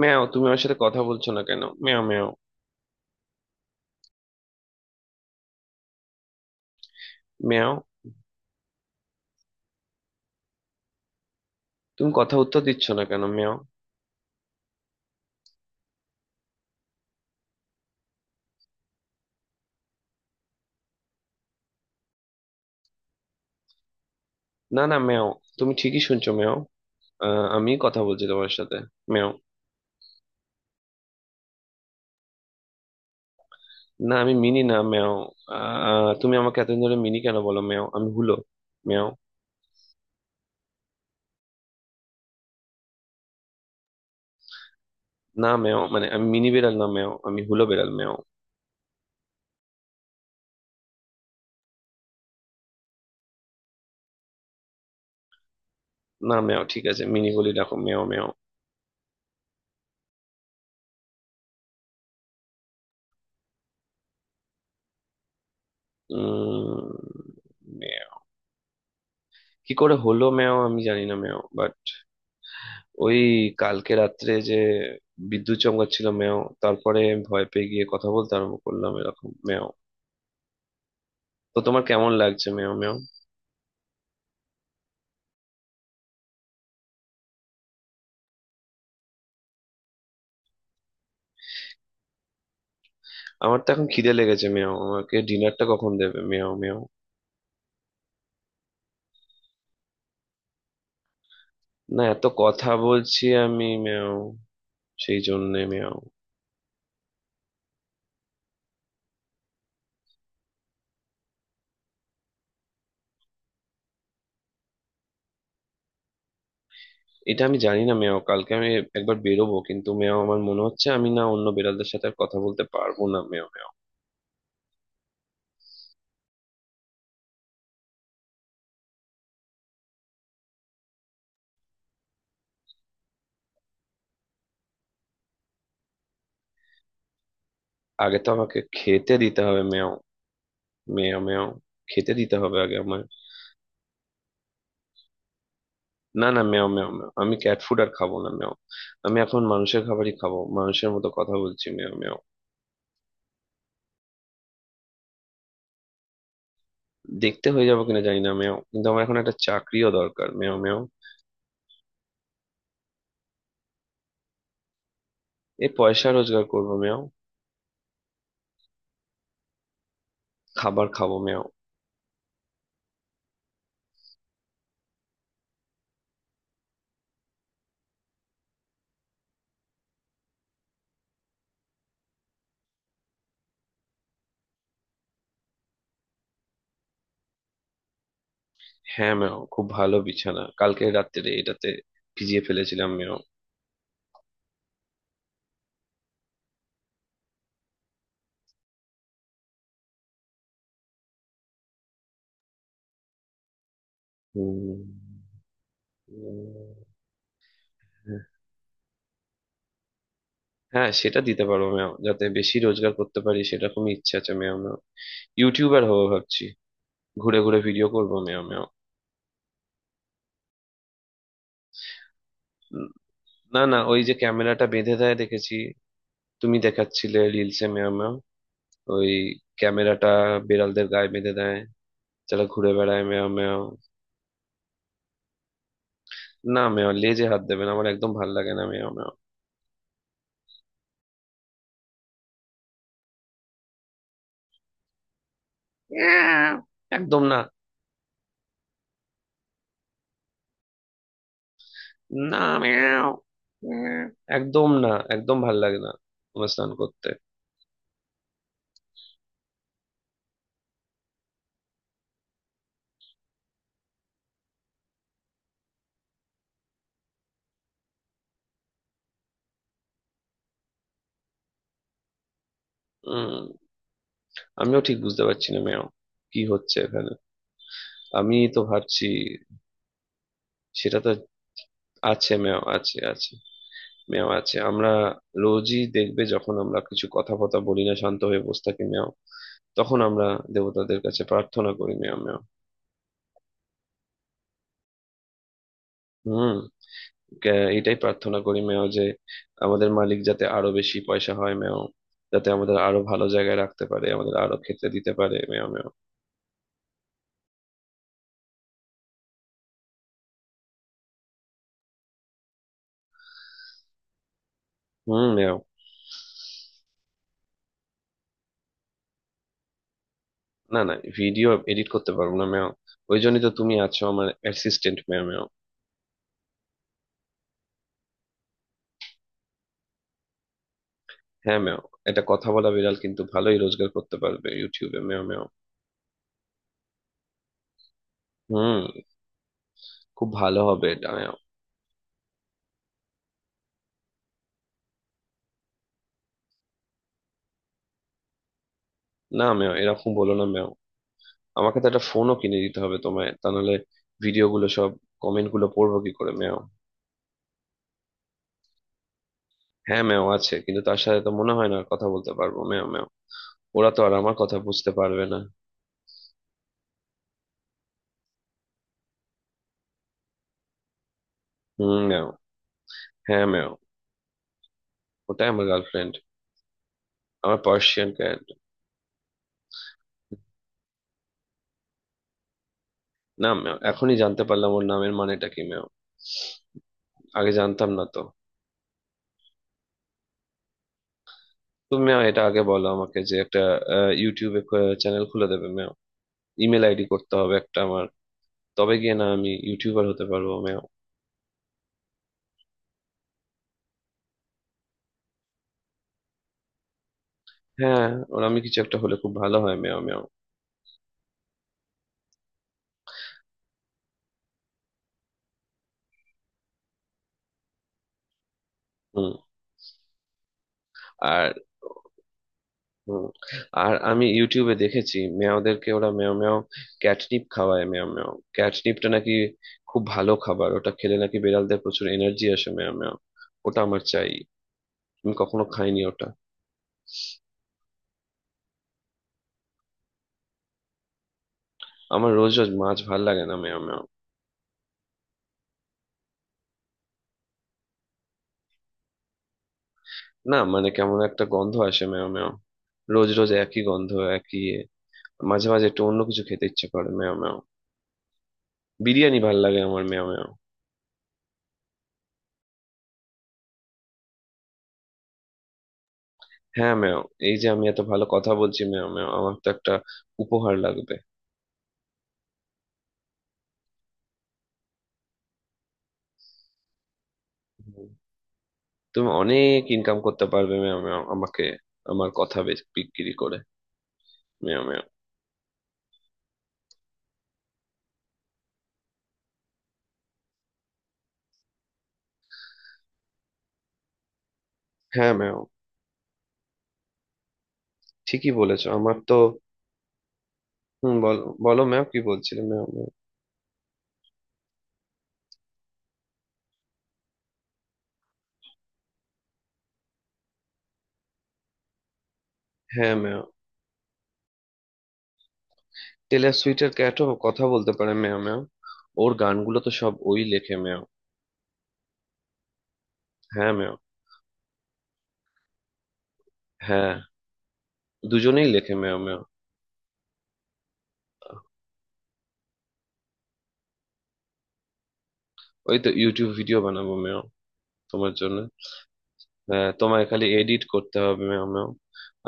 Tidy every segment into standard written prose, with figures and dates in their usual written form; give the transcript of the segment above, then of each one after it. ম্যাও, তুমি আমার সাথে কথা বলছো না কেন? ম্যাও ম্যাও ম্যাও, তুমি কথা উত্তর দিচ্ছ না কেন ম্যাও? না না ম্যাও, তুমি ঠিকই শুনছো ম্যাও। আমি কথা বলছি তোমার সাথে ম্যাও। না, আমি মিনি না ম্যাও। তুমি আমাকে এতদিন ধরে মিনি কেন বলো ম্যাও? আমি হুলো ম্যাও। না ম্যাও, মানে আমি মিনি বেড়াল না ম্যাও, আমি হুলো বেড়াল ম্যাও। না ম্যাও, ঠিক আছে মিনি বলি রাখো ম্যাও ম্যাও। উম ম্যাও, কি করে হলো ম্যাও? আমি জানি না ম্যাও, বাট ওই কালকে রাত্রে যে বিদ্যুৎ চমকাচ্ছিল মেও, তারপরে আমি ভয় পেয়ে গিয়ে কথা বলতে আরম্ভ করলাম এরকম মেও। তো তোমার কেমন লাগছে মেও মেও? আমার তো এখন খিদে লেগেছে মেও, আমাকে ডিনারটা কখন দেবে মেও মেও? না, এত কথা বলছি আমি মেও, সেই জন্যে মেও। এটা আমি জানি না মেও, কালকে আমি একবার বেরোবো কিন্তু মেও, আমার মনে হচ্ছে আমি না অন্য বিড়ালদের সাথে আর কথা বলতে পারবো না মেও মেও। আগে তো আমাকে খেতে দিতে হবে মেও মেও মেও, খেতে দিতে হবে আগে আমায়। না না মেও মেও মেও, আমি ক্যাট ফুড আর খাবো না মেও। আমি এখন মানুষের খাবারই খাবো, মানুষের মতো কথা বলছি মেও মেও। দেখতে হয়ে যাবো কিনা জানি না মেও, কিন্তু আমার এখন একটা চাকরিও দরকার মেও মেও। এই পয়সা রোজগার করবো মেও। খাবার খাবো মেও। হ্যাঁ মেও, খুব ভালো বিছানা, কালকে রাত্রে এটাতে ভিজিয়ে ফেলেছিলাম মেও। হুম। উম, হ্যাঁ, সেটা দিতে পারো মেও, যাতে বেশি রোজগার করতে পারি সেরকম ইচ্ছা আছে মেও মেও। ইউটিউবার হবো ভাবছি, ঘুরে ঘুরে ভিডিও করবো মেও মেও। না না, ওই যে ক্যামেরাটা বেঁধে দেয় দেখেছি, তুমি দেখাচ্ছিলে রিলসে মেয়া ম্যাম। ওই ক্যামেরাটা বিড়ালদের গায়ে বেঁধে দেয়, যারা ঘুরে বেড়ায় মেয়া মেয়া। না মেয়া, লেজে হাত দেবে না, আমার একদম ভাল লাগে না মেয়া মেয়া। মেয়াও। একদম না। না মেয়াও মেয়াও। একদম না, একদম ভাল লাগে না তোমার স্নান করতে। উম আমিও ঠিক বুঝতে পারছি না মেয়াও, কি হচ্ছে এখানে, আমি তো ভাবছি। সেটা তো আছে মেয়াও, আছে আছে মেও, আছে আমরা। রোজই দেখবে যখন আমরা কিছু কথা ফথা বলি না, শান্ত হয়ে বসে থাকি মেও, তখন আমরা দেবতাদের কাছে প্রার্থনা করি মেও মেও। হুম। এটাই প্রার্থনা করি মেও, যে আমাদের মালিক যাতে আরো বেশি পয়সা হয় মেও, যাতে আমাদের আরো ভালো জায়গায় রাখতে পারে, আমাদের আরো খেতে দিতে পারে মেও মেও। হুম মেও। না না, ভিডিও এডিট করতে পারবো না মেও, ওই জন্যই তো তুমি আছো আমার অ্যাসিস্ট্যান্ট মেও মেও। হ্যাঁ মেও, এটা কথা বলা বিড়াল কিন্তু ভালোই রোজগার করতে পারবে ইউটিউবে মেও মেও। হুম, খুব ভালো হবে এটা। না, আমিও এরকম বলো না মেও। আমাকে তো একটা ফোনও কিনে দিতে হবে তোমায়, তা নাহলে ভিডিও গুলো সব কমেন্ট গুলো পড়বো কি করে মেও? হ্যাঁ মেও আছে, কিন্তু তার সাথে তো মনে হয় না আর কথা বলতে পারবো মেও মেও। ওরা তো আর আমার কথা বুঝতে পারবে না। হুম মেও। হ্যাঁ মেও, ওটাই আমার গার্লফ্রেন্ড, আমার পার্সিয়ান ক্যাট। না মেও, এখনই জানতে পারলাম ওর নামের মানেটা কি মেও, আগে জানতাম না তো। তুমি মেও এটা আগে বলো আমাকে, যে একটা ইউটিউবে চ্যানেল খুলে দেবে মেও। ইমেল আইডি করতে হবে একটা আমার, তবে গিয়ে না আমি ইউটিউবার হতে পারবো মেও। হ্যাঁ, ওরামি কিছু একটা হলে খুব ভালো হয় মেও মেও। হুম। আর হুম, আর আমি ইউটিউবে দেখেছি মেয়াওদেরকে ওরা মেও মেও ক্যাটনিপ খাওয়ায় মেও মেও। ক্যাটনিপটা নাকি খুব ভালো খাবার, ওটা খেলে নাকি বিড়ালদের প্রচুর এনার্জি আসে মেও মেও। ওটা আমার চাই, আমি কখনো খাইনি ওটা। আমার রোজ রোজ মাছ ভাল লাগে না মেও মেও। না মানে, কেমন একটা গন্ধ আসে মেও মেও, রোজ রোজ একই গন্ধ, একই মাঝে মাঝে একটু অন্য কিছু খেতে ইচ্ছে করে মেও মেও। বিরিয়ানি ভাল লাগে আমার মেও মেও। হ্যাঁ ম্যাম, এই যে আমি এত ভালো কথা বলছি ম্যাম ম্যাম, আমার তো একটা উপহার লাগবে। হুম। তুমি অনেক ইনকাম করতে পারবে ম্যাম ম্যাম, আমাকে আমার কথা বিক্রি করে ম্যাম ম্যাম। হ্যাঁ ম্যাম, ঠিকই বলেছো আমার তো। হুম, বল, বলো ম্যাম, কি বলছিলে ম্যাম ম্যাম? হ্যাঁ ম্যাম, টেলর সুইটের ক্যাটও কথা বলতে পারে ম্যাম ম্যাম, ওর গানগুলো তো সব ওই লেখে ম্যাম। হ্যাঁ ম্যাম। হ্যাঁ, দুজনেই লেখে ম্যাম ম্যাম। ওই তো ইউটিউব ভিডিও বানাবো ম্যাম, তোমার জন্য। হ্যাঁ, তোমায় খালি এডিট করতে হবে মেও মেও।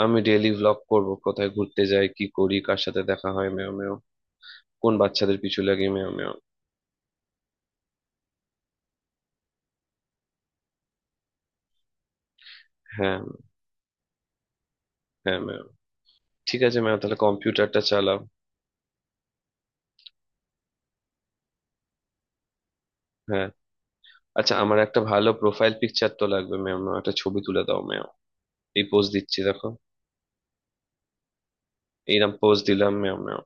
আমি ডেইলি ভ্লগ করব, কোথায় ঘুরতে যাই, কি করি, কার সাথে দেখা হয় মেও মেও, কোন বাচ্চাদের পিছু লাগি মেও মেও। হ্যাঁ। হ্যাঁ মেও। ঠিক আছে মেও, তাহলে কম্পিউটারটা চালাও। হ্যাঁ, আচ্ছা আমার একটা ভালো প্রোফাইল পিকচার তো লাগবে মেও মেও, একটা ছবি তুলে দাও মেও। এই পোজ দিচ্ছি দেখো, এইরকম পোজ দিলাম মেও মেও।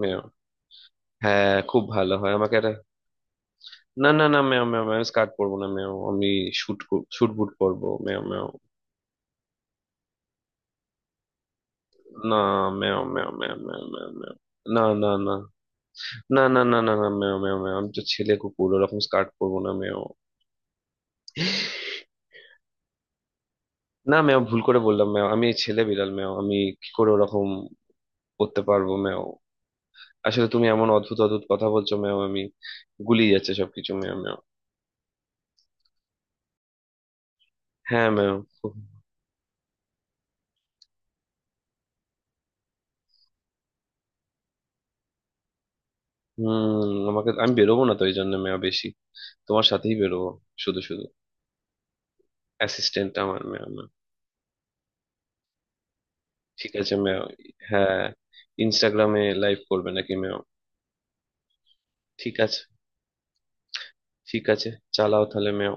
মেও। হ্যাঁ খুব ভালো হয়, আমাকে একটা। না না না মেও মেও মেও, স্কার্ট পরবো না মেও, আমি শুট, শুট বুট পরবো মেও মেও। না ম্যাও ম্যাও ম্যাও ম্যাও ম্যাও ম্যাও। না না না না না না না না ম্যাও ম্যাও ম্যাও, আমি তো ছেলে কুকুর ওরকম স্কার্ট পরবো না ম্যাও। না ম্যাও, ভুল করে বললাম ম্যাও, আমি ছেলে বিড়াল ম্যাও, আমি কি করে ওরকম করতে পারবো ম্যাও? আসলে তুমি এমন অদ্ভুত অদ্ভুত কথা বলছো ম্যাও, আমি গুলিয়ে যাচ্ছে সবকিছু ম্যাও ম্যাও। হ্যাঁ ম্যাও। হুম, আমাকে আমি বেরোবো না তো এই জন্য ম্যাও, বেশি তোমার সাথেই বেরোবো, শুধু শুধু অ্যাসিস্ট্যান্ট আমার ম্যাও ম্যাও। ঠিক আছে ম্যাও। হ্যাঁ, ইনস্টাগ্রামে লাইভ করবে নাকি ম্যাও? ঠিক আছে। ঠিক আছে, চালাও তাহলে ম্যাও।